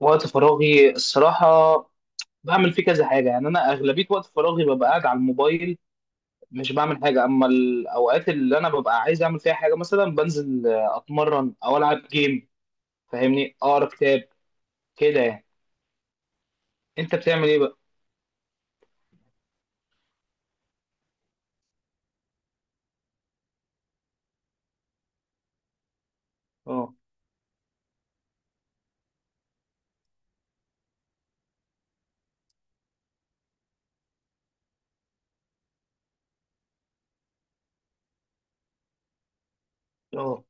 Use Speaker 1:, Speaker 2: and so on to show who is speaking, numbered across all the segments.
Speaker 1: وقت فراغي الصراحة بعمل فيه كذا حاجة، يعني أنا أغلبية وقت فراغي ببقى قاعد على الموبايل، مش بعمل حاجة. أما الأوقات اللي أنا ببقى عايز أعمل فيها حاجة، مثلا بنزل أتمرن أو ألعب جيم، فاهمني، أقرأ كتاب، كده يعني. أنت بتعمل إيه بقى؟ أه. أه.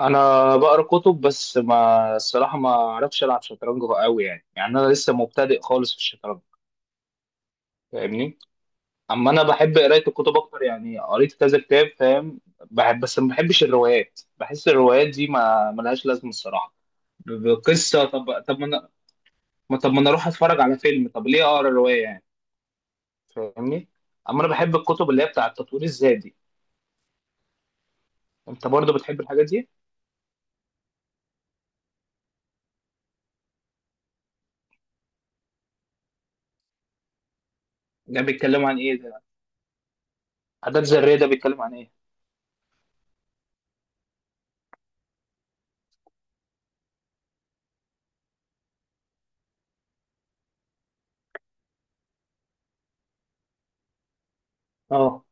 Speaker 1: أنا بقرأ كتب، بس ما الصراحة ما أعرفش ألعب شطرنج أوي، يعني أنا لسه مبتدئ خالص في الشطرنج، فاهمني؟ اما انا بحب قرايه الكتب اكتر، يعني قريت كذا كتاب، فاهم. بحب، بس ما بحبش الروايات، بحس الروايات دي ما ملهاش لازمه الصراحه. قصه، طب ما انا اروح اتفرج على فيلم، طب ليه اقرا روايه يعني، فاهمني. اما انا بحب الكتب اللي هي بتاع التطوير الذاتي. انت برضو بتحب الحاجات دي؟ ده بيتكلم عن ايه ده؟ عادات ذريه ده بيتكلم عن ايه؟ اه.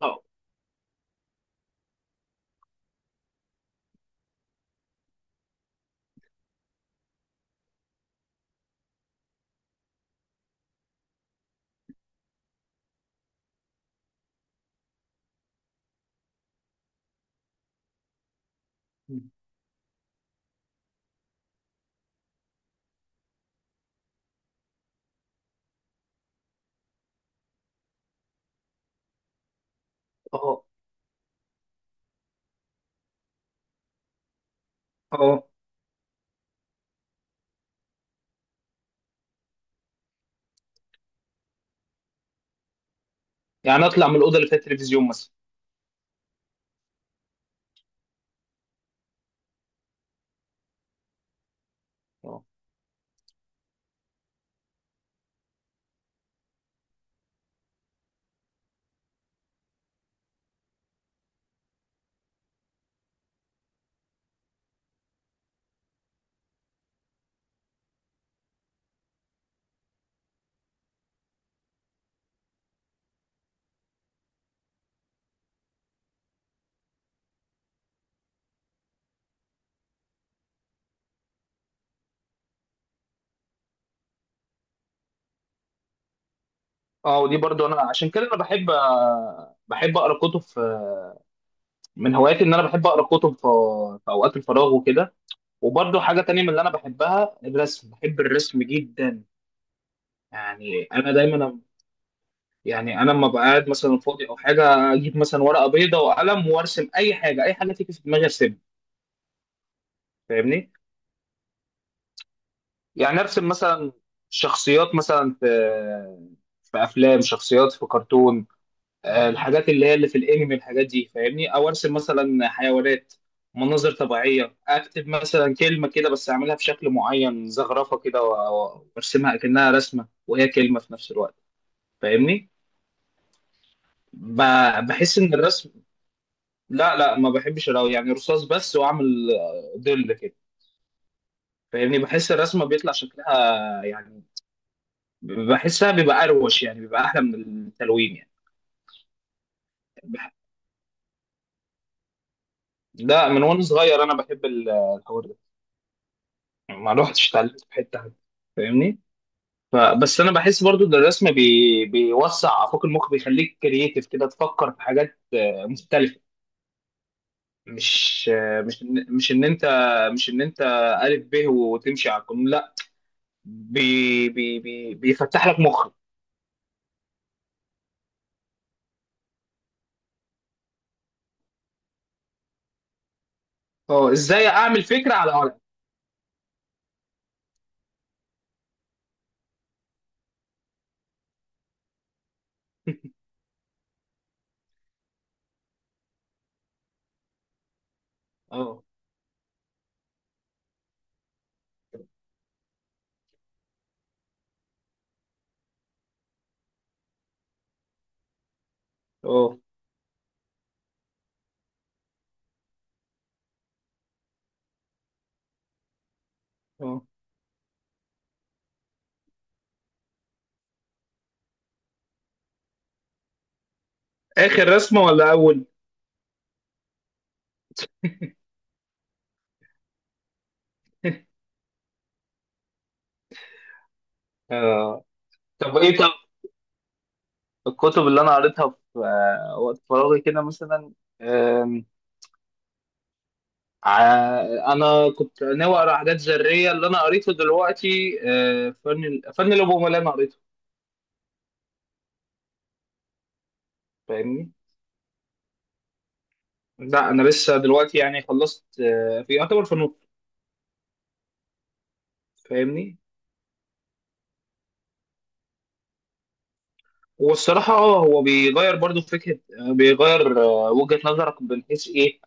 Speaker 1: اه. اه. اه. يعني اطلع من الاوضه اللي فيها التلفزيون مثلا؟ اه. اه، ودي برضو انا عشان كده انا بحب، بحب اقرا كتب. من هواياتي ان انا بحب اقرا كتب في، في اوقات الفراغ وكده. وبرضه حاجه تانية من اللي انا بحبها الرسم، بحب الرسم جدا. يعني انا دايما، يعني انا لما بقعد مثلا فاضي او حاجه، اجيب مثلا ورقه بيضاء وقلم وارسم اي حاجه، اي حاجه تيجي في دماغي ارسمها، فاهمني. يعني ارسم مثلا شخصيات مثلا في، في افلام، شخصيات في كرتون، الحاجات اللي هي اللي في الانمي الحاجات دي، فاهمني، او ارسم مثلا حيوانات، مناظر طبيعيه، اكتب مثلا كلمه كده بس اعملها بشكل معين، زخرفه كده وارسمها اكنها رسمه وهي كلمه في نفس الوقت، فاهمني. بحس ان الرسم، لا لا ما بحبش يعني رصاص بس، واعمل ظل كده، فاهمني، بحس الرسمه بيطلع شكلها يعني، بحسها بيبقى اروش يعني، بيبقى احلى من التلوين يعني. بح- لا، من وانا صغير انا بحب الحوار ده. ما الواحد اتعلمت في حته حتى، فاهمني. فبس انا بحس برضو ان الرسم بيوسع افاق المخ، بيخليك كرييتيف كده، تفكر في حاجات مختلفه. مش مش مش ان انت الف ب وتمشي على القانون، لا، بي... بيفتح لك مخك. اه، ازاي اعمل فكره على ورق. اه. اه. اه. اخر رسمه ولا اول؟ آه. طب ايه، طب الكتب اللي انا قريتها في وقت فراغي كده مثلا، انا كنت ناوي اقرا حاجات ذريه. اللي انا قريته دلوقتي فن فن الابومه اللي انا قريته، فاهمني. لا، انا لسه دلوقتي يعني خلصت في يعتبر فنون، فاهمني. والصراحه اه هو بيغير برضو فكره، بيغير وجهه نظرك من حيث ايه.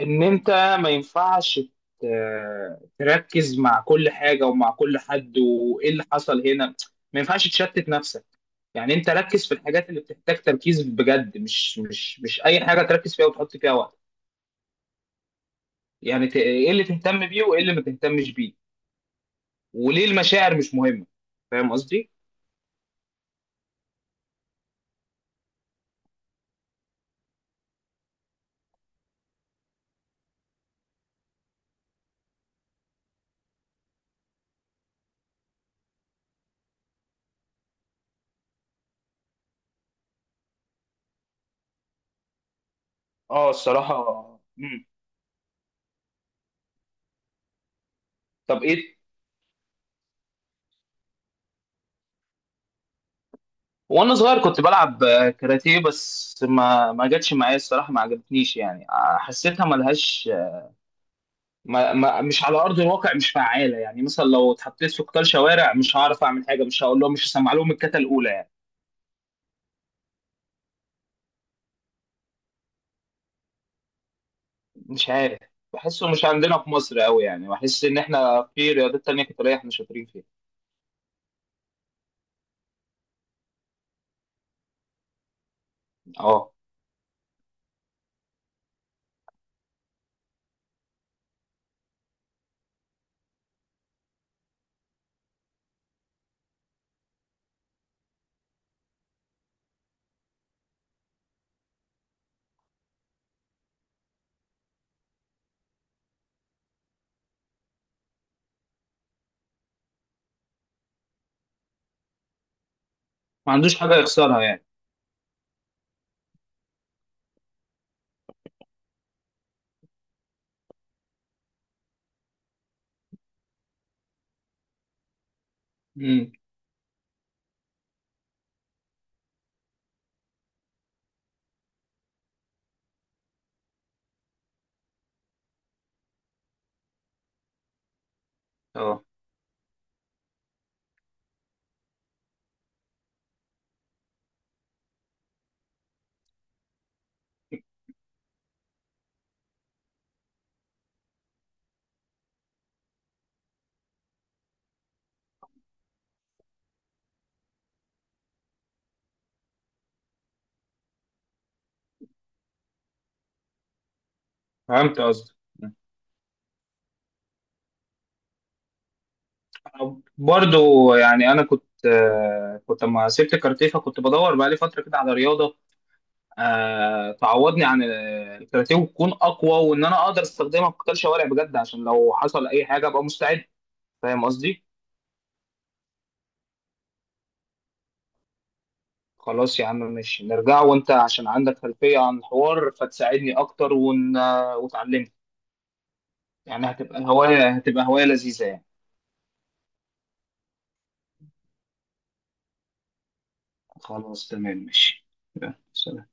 Speaker 1: ان انت ما ينفعش تركز مع كل حاجه ومع كل حد وايه اللي حصل هنا، ما ينفعش تشتت نفسك. يعني انت ركز في الحاجات اللي بتحتاج تركيز بجد، مش اي حاجه تركز فيها وتحط فيها وقت. يعني ايه اللي تهتم بيه وايه اللي ما تهتمش بيه، وليه المشاعر مش مهمه، فاهم قصدي. اه الصراحة. مم. طب ايه. وانا صغير كنت بلعب كاراتيه، بس ما جاتش معايا الصراحه، ما عجبتنيش يعني، حسيتها ملهاش ما ما مش على ارض الواقع، مش فعاله. يعني مثلا لو اتحطيت في قطار شوارع مش هعرف اعمل حاجه، مش هقول لهم، مش هسمع لهم الكتا الاولى يعني. مش عارف، بحسه مش عندنا في مصر قوي، يعني بحس ان احنا في رياضات تانية قتاليه احنا شاطرين فيها. اه. ما عندوش حاجه يخسرها يعني. امم. اه، فهمت قصدي. برضو يعني انا كنت كنت لما سبت كارتيه، فكنت بدور بقالي فتره كده على رياضه، آه، تعوضني عن الكاراتيه وتكون اقوى، وان انا اقدر استخدمها في قتال شوارع بجد، عشان لو حصل اي حاجه ابقى مستعد، فاهم قصدي. خلاص يا عم، ماشي، نرجع، وانت عشان عندك خلفيه عن الحوار فتساعدني اكتر، وتعلمني. يعني هتبقى هوايه، هتبقى هوايه لذيذه يعني. خلاص تمام ماشي. يلا، سلام.